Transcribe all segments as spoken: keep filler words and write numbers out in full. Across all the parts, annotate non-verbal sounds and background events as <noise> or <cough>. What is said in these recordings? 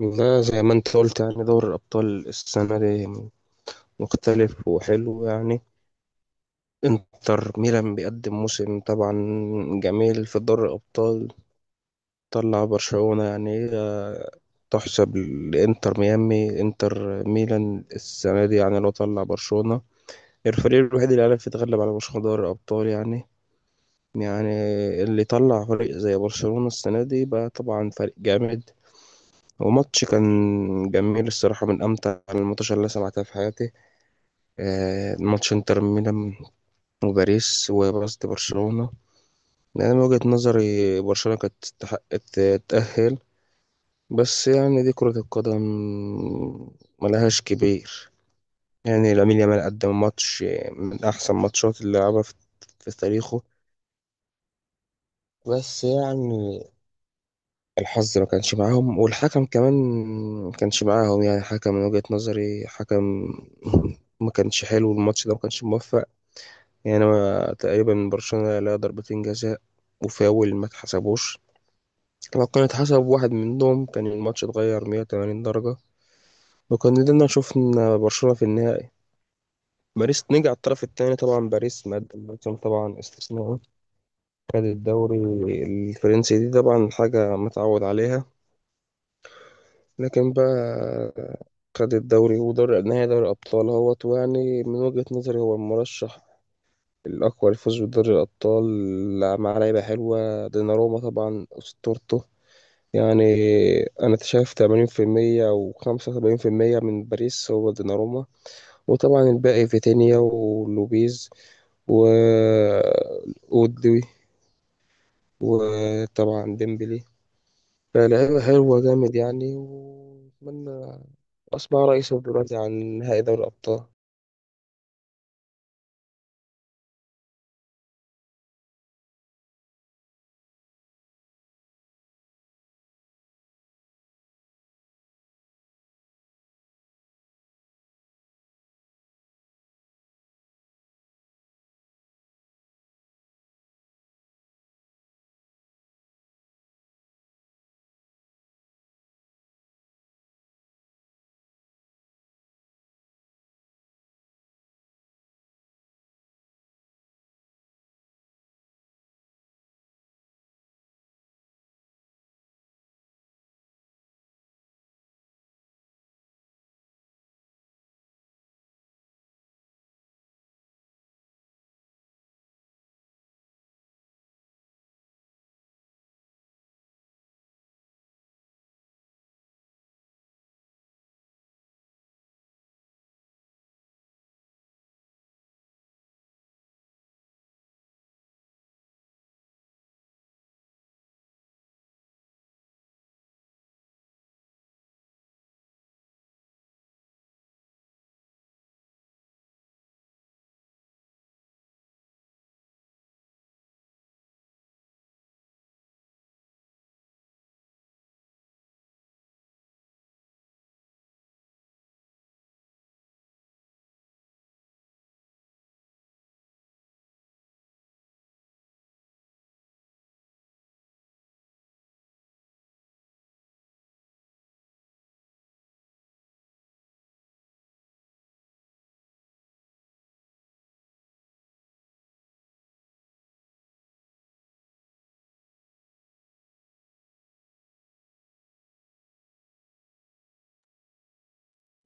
والله زي ما انت قلت يعني دوري الأبطال السنة دي مختلف وحلو يعني انتر ميلان بيقدم موسم طبعا جميل في دوري الأبطال طلع برشلونة يعني هي تحسب لإنتر ميامي انتر ميلان السنة دي يعني لو طلع برشلونة الفريق الوحيد اللي عرف يتغلب على برشلونة دوري الأبطال يعني يعني اللي طلع فريق زي برشلونة السنة دي بقى طبعا فريق جامد وماتش كان جميل الصراحة من أمتع الماتشات اللي أنا سمعتها في حياتي، آه، ماتش انتر ميلان وباريس وقصد برشلونة. يعني انا من وجهة نظري برشلونة كانت تستحق ت- تتأهل، بس يعني دي كرة القدم ملهاش كبير. يعني لامين يامال قدم ماتش من احسن ماتشات اللي لعبها في في تاريخه، بس يعني الحظ ما كانش معاهم والحكم كمان ما كانش معاهم، يعني حكم من وجهة نظري حكم <laughs> ما كانش حلو، الماتش ده ما كانش موفق. يعني أنا تقريبا من برشلونة لا ضربتين جزاء وفاول ما اتحسبوش، لو كان اتحسب واحد منهم كان الماتش اتغير مية وتمانين درجة، وكان قدرنا شفنا برشلونة في النهائي. باريس نجع الطرف الثاني، طبعا باريس مقدم موسم طبعا استثنائي، خد الدوري الفرنسي دي طبعا حاجة متعود عليها، لكن بقى خد الدوري ودوري نهائي دوري الأبطال، هو يعني من وجهة نظري هو المرشح الأقوى للفوز بدوري الأبطال، مع لعيبة حلوة ديناروما طبعا أسطورته. يعني أنا شايف تمانين في المية أو خمسة وسبعين في المية من باريس هو ديناروما، وطبعا الباقي فيتينيا ولوبيز و أودوي وطبعا ديمبلي. فلعيبة حلوة جامد يعني، وأتمنى أسمع رئيسه دلوقتي عن نهائي دوري الأبطال.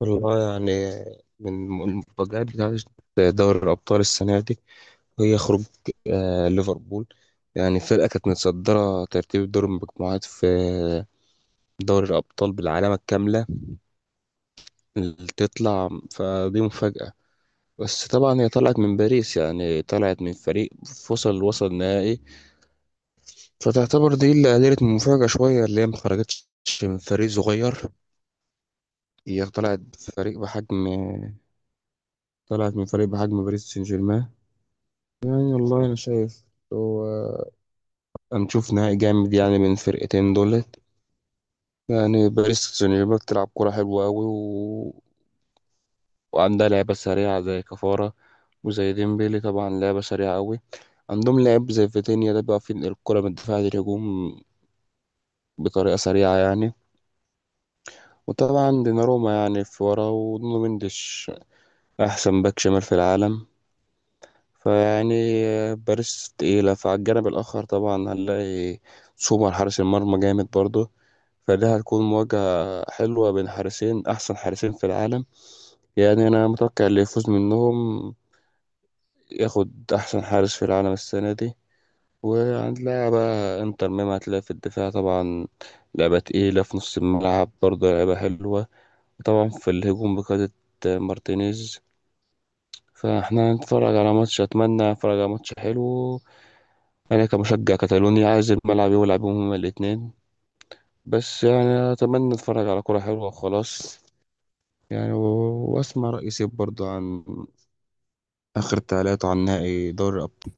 والله يعني من من المفاجآت بتاعت دوري الأبطال السنة دي هي خروج آه ليفربول. يعني الفرقة كانت متصدرة ترتيب دور المجموعات في دوري الأبطال بالعلامة الكاملة، اللي تطلع فدي مفاجأة، بس طبعا هي طلعت من باريس، يعني طلعت من فريق وصل وصل نهائي، فتعتبر دي اللي قللت من المفاجأة شوية، اللي هي ما خرجتش من فريق صغير، هي طلعت بفريق بحجم طلعت من فريق بحجم باريس سان جيرمان. يعني والله أنا شايف هو هنشوف نهائي جامد يعني بين الفرقتين دول. يعني باريس سان جيرمان بتلعب كرة حلوة أوي، و... وعندها لعبة سريعة زي كفارة وزي ديمبلي، طبعا لعبة سريعة أوي، عندهم لاعب زي فيتينيا ده بيعرف ينقل الكرة من الدفاع للهجوم بطريقة سريعة يعني، وطبعا ديناروما يعني في ورا ونونو مندش أحسن باك شمال في العالم. فيعني باريس تقيلة، فعلى الجانب الآخر طبعا هنلاقي سومر حارس المرمى جامد برضه، فده هتكون مواجهة حلوة بين حارسين أحسن حارسين في العالم. يعني أنا متوقع اللي يفوز منهم ياخد أحسن حارس في العالم السنة دي. وهنلاعب بقى إنتر ميامي هتلاقي في الدفاع طبعا لعبة تقيلة، في نص الملعب برضه لعبة حلوة، طبعا في الهجوم بقيادة مارتينيز، فاحنا هنتفرج على ماتش أتمنى أتفرج على ماتش حلو. أنا كمشجع كتالوني عايز الملعب يلعب بيهم هما الاتنين، بس يعني أتمنى أتفرج على كرة حلوة وخلاص. يعني و- وأسمع رأي سيب برضه عن آخر تعليقاته عن نهائي دوري الأبطال.